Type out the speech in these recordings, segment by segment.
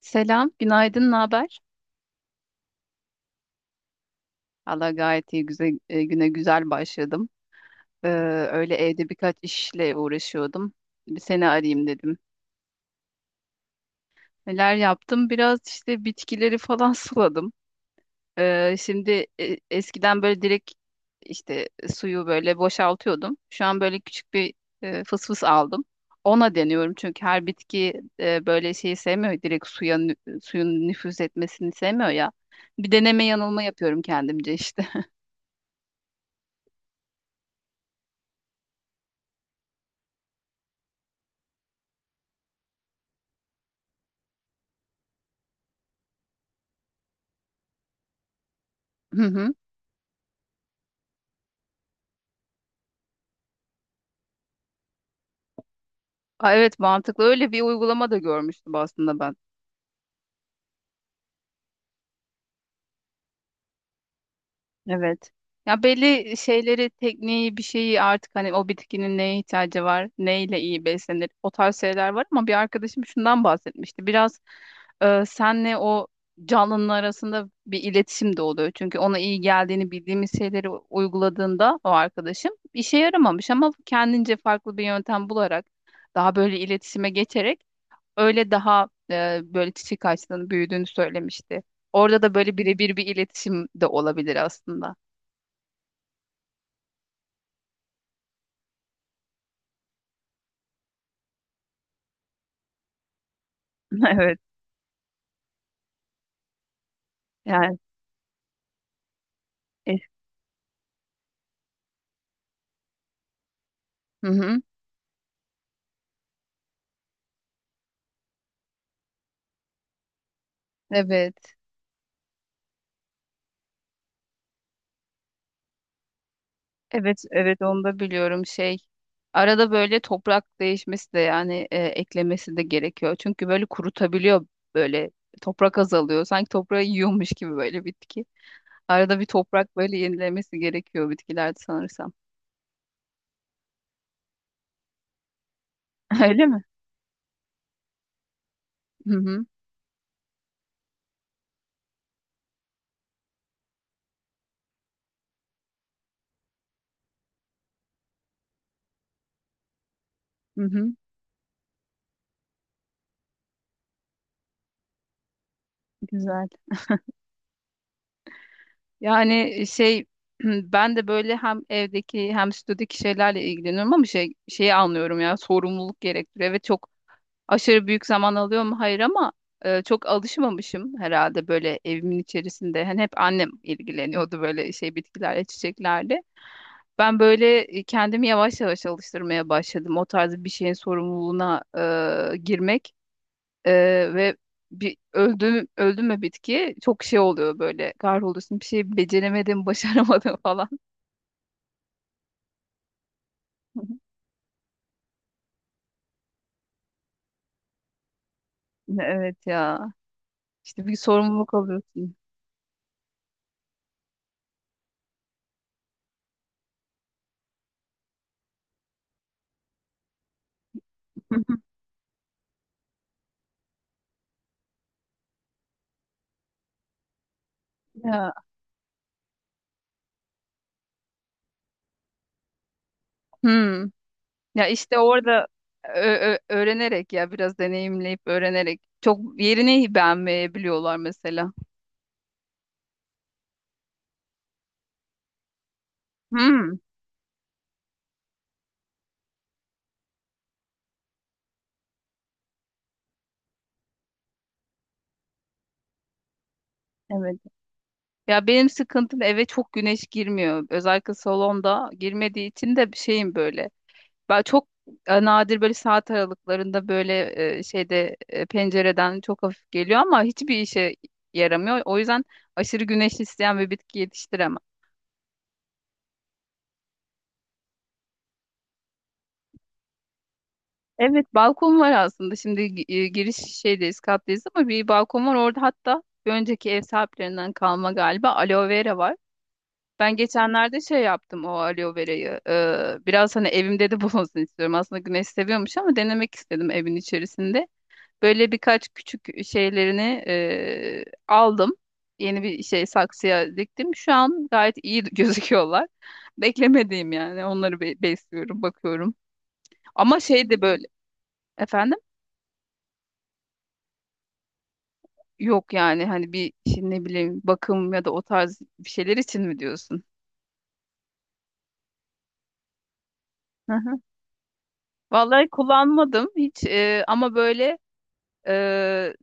Selam, günaydın, ne haber? Allah gayet iyi, güzel, güne güzel başladım. Ee, öyle evde birkaç işle uğraşıyordum. Bir seni arayayım dedim. Neler yaptım? Biraz işte bitkileri falan suladım. Şimdi eskiden böyle direkt işte suyu böyle boşaltıyordum. Şu an böyle küçük bir fısfıs aldım. Ona deniyorum çünkü her bitki böyle şeyi sevmiyor. Direkt suya suyun nüfuz etmesini sevmiyor ya. Bir deneme yanılma yapıyorum kendimce işte. Hı hı. Aa, evet, mantıklı. Öyle bir uygulama da görmüştüm aslında ben. Evet. Ya belli şeyleri, tekniği, bir şeyi artık hani o bitkinin neye ihtiyacı var, neyle iyi beslenir, o tarz şeyler var ama bir arkadaşım şundan bahsetmişti. Biraz senle o canlının arasında bir iletişim de oluyor. Çünkü ona iyi geldiğini bildiğimiz şeyleri uyguladığında o arkadaşım işe yaramamış ama kendince farklı bir yöntem bularak daha böyle iletişime geçerek öyle daha böyle çiçek ağaçlarının büyüdüğünü söylemişti. Orada da böyle birebir bir iletişim de olabilir aslında. Evet yani. e, hı hı, evet. Evet, evet, onu da biliyorum şey. Arada böyle toprak değişmesi de yani eklemesi de gerekiyor. Çünkü böyle kurutabiliyor böyle toprak azalıyor. Sanki toprağı yiyormuş gibi böyle bitki. Arada bir toprak böyle yenilemesi gerekiyor bitkilerde sanırsam. Öyle mi? Hı hı. Hı hı. Güzel. Yani şey ben de böyle hem evdeki hem stüdyodaki şeylerle ilgileniyorum ama şey şeyi anlıyorum ya sorumluluk gerektiriyor. Evet, çok aşırı büyük zaman alıyor mu? Hayır ama çok alışmamışım herhalde böyle evimin içerisinde. Hani hep annem ilgileniyordu böyle şey bitkilerle, çiçeklerle. Ben böyle kendimi yavaş yavaş alıştırmaya başladım. O tarz bir şeyin sorumluluğuna girmek. Ve bir öldü mü bitki çok şey oluyor böyle kahroluyorsun bir şey beceremedim başaramadım falan. Evet ya, işte bir sorumluluk alıyorsun. Ya. Hmm. Ya işte orada öğrenerek ya biraz deneyimleyip öğrenerek çok yerini beğenmeyebiliyorlar mesela. Hmm. Evet. Ya benim sıkıntım eve çok güneş girmiyor. Özellikle salonda girmediği için de bir şeyim böyle. Ben çok nadir böyle saat aralıklarında böyle şeyde pencereden çok hafif geliyor ama hiçbir işe yaramıyor. O yüzden aşırı güneş isteyen bir bitki yetiştiremem. Evet, balkon var aslında. Şimdi giriş şeydeyiz, kattayız ama bir balkon var orada, hatta bir önceki ev sahiplerinden kalma galiba aloe vera var. Ben geçenlerde şey yaptım o aloe verayı. Biraz hani evimde de bulunsun istiyorum. Aslında güneş seviyormuş ama denemek istedim evin içerisinde. Böyle birkaç küçük şeylerini aldım. Yeni bir şey saksıya diktim. Şu an gayet iyi gözüküyorlar. Beklemediğim yani. Onları besliyorum, bakıyorum. Ama şey de böyle efendim, yok yani hani bir şimdi ne bileyim bakım ya da o tarz bir şeyler için mi diyorsun? Hı hı. Vallahi kullanmadım hiç, ama böyle Ee,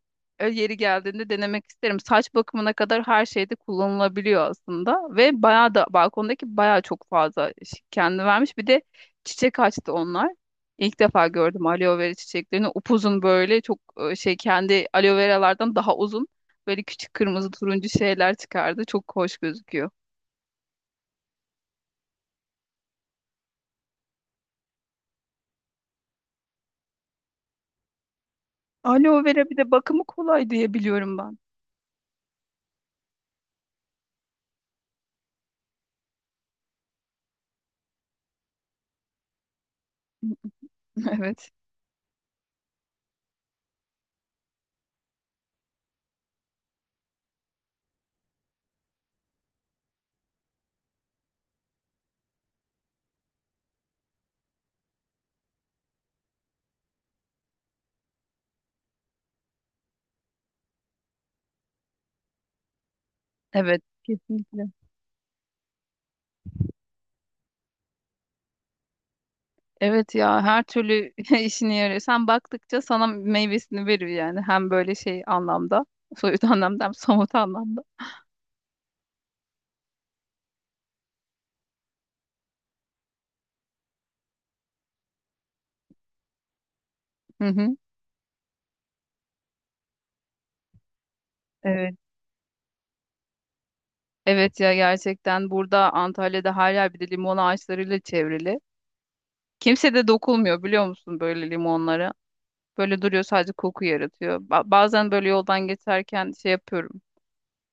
yeri geldiğinde denemek isterim. Saç bakımına kadar her şeyde kullanılabiliyor aslında ve bayağı da balkondaki bayağı çok fazla kendi vermiş. Bir de çiçek açtı onlar. İlk defa gördüm aloe vera çiçeklerini. Upuzun böyle çok şey kendi aloe veralardan daha uzun böyle küçük kırmızı turuncu şeyler çıkardı. Çok hoş gözüküyor. Aloe vera bir de bakımı kolay diye biliyorum ben. Evet. Evet. Kesinlikle. Evet ya, her türlü işine yarıyor. Sen baktıkça sana meyvesini veriyor yani. Hem böyle şey anlamda, soyut anlamda, hem somut anlamda. Hı hı. Evet. Evet ya, gerçekten burada Antalya'da her yer bir de limon ağaçlarıyla çevrili. Kimse de dokulmuyor biliyor musun böyle limonlara. Böyle duruyor sadece koku yaratıyor. Bazen böyle yoldan geçerken şey yapıyorum.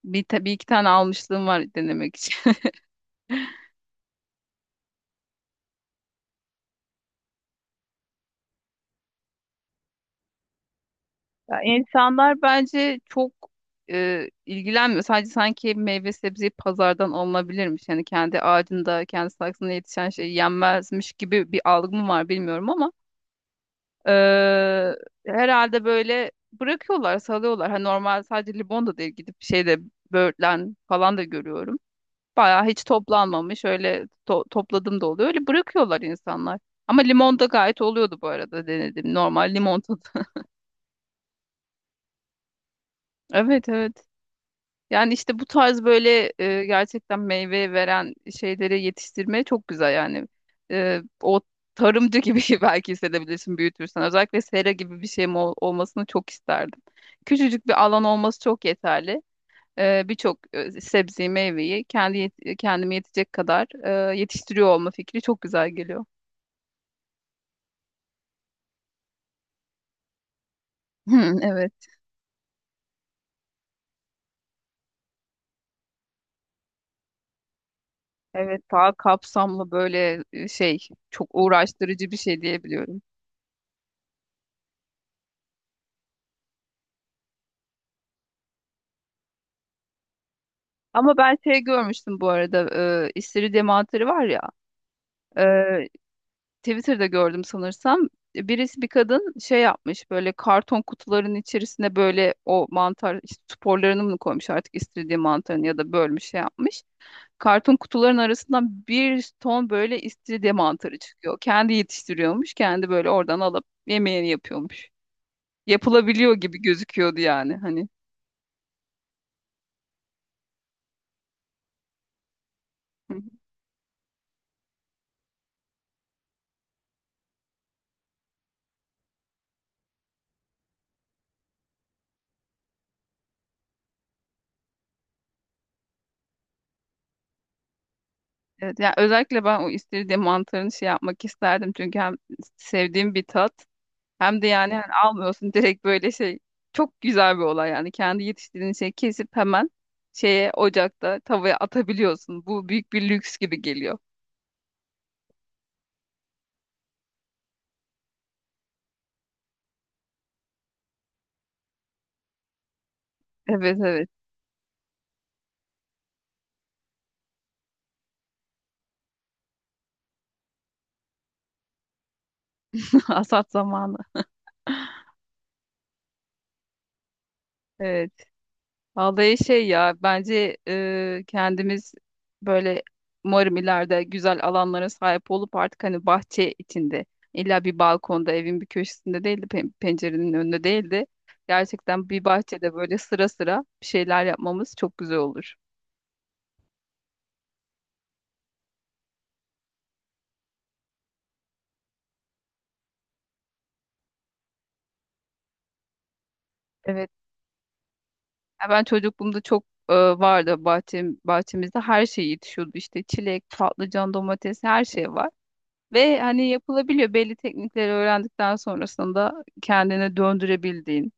Bir, bir iki tane almışlığım var denemek için. Ya insanlar bence çok ilgilenmiyor. Sadece sanki meyve sebzeyi pazardan alınabilirmiş. Yani kendi ağacında, kendi saksında yetişen şey yenmezmiş gibi bir algı mı var bilmiyorum ama e, herhalde böyle bırakıyorlar, salıyorlar. Hani normal sadece limon da değil, gidip şeyde böğürtlen falan da görüyorum. Bayağı hiç toplanmamış. Öyle topladım da oluyor. Öyle bırakıyorlar insanlar. Ama limon da gayet oluyordu bu arada, denedim. Normal limon tadı. Evet, evet. Yani işte bu tarz böyle gerçekten meyve veren şeyleri yetiştirmeye çok güzel yani. E, o tarımcı gibi belki hissedebilirsin büyütürsen. Özellikle sera gibi bir şeyim olmasını çok isterdim. Küçücük bir alan olması çok yeterli. E, birçok sebzeyi, meyveyi kendi kendime yetecek kadar yetiştiriyor olma fikri çok güzel geliyor. Hmm, evet. Evet, daha kapsamlı böyle şey çok uğraştırıcı bir şey diyebiliyorum. Ama ben şey görmüştüm bu arada, istiridye mantarı var ya, e, Twitter'da gördüm sanırsam, birisi bir kadın şey yapmış böyle karton kutuların içerisine böyle o mantar işte sporlarını mı koymuş artık istiridye mantarını ya da bölmüş şey yapmış. Karton kutuların arasından bir ton böyle istiridye mantarı çıkıyor. Kendi yetiştiriyormuş, kendi böyle oradan alıp yemeğini yapıyormuş. Yapılabiliyor gibi gözüküyordu yani hani. Evet, yani özellikle ben o istiridye mantarını şey yapmak isterdim. Çünkü hem sevdiğim bir tat, hem de yani hani almıyorsun direkt böyle şey. Çok güzel bir olay yani. Kendi yetiştirdiğin şeyi kesip hemen şeye ocakta tavaya atabiliyorsun. Bu büyük bir lüks gibi geliyor. Evet, evet. Hasat zamanı. Evet. Vallahi şey ya, bence kendimiz böyle umarım ileride güzel alanlara sahip olup artık hani bahçe içinde illa bir balkonda evin bir köşesinde değildi, pencerenin önünde değildi. Gerçekten bir bahçede böyle sıra sıra bir şeyler yapmamız çok güzel olur. Evet. Ya ben çocukluğumda çok vardı bahçem, bahçemizde her şey yetişiyordu işte çilek, patlıcan, domates, her şey var. Ve hani yapılabiliyor belli teknikleri öğrendikten sonrasında kendine döndürebildiğin.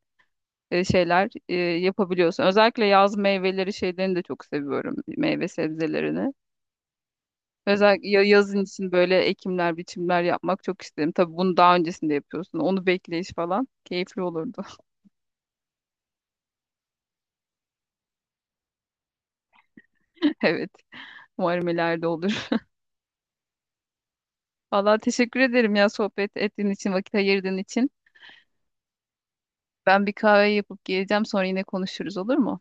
Şeyler yapabiliyorsun. Özellikle yaz meyveleri şeylerini de çok seviyorum. Meyve sebzelerini. Özellikle yazın için böyle ekimler, biçimler yapmak çok isterim. Tabii bunu daha öncesinde yapıyorsun. Onu bekleyiş falan keyifli olurdu. Evet. Umarım ileride olur. Valla, teşekkür ederim ya, sohbet ettiğin için, vakit ayırdığın için. Ben bir kahve yapıp geleceğim, sonra yine konuşuruz, olur mu?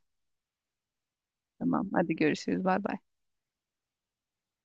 Tamam. Hadi görüşürüz. Bay bay.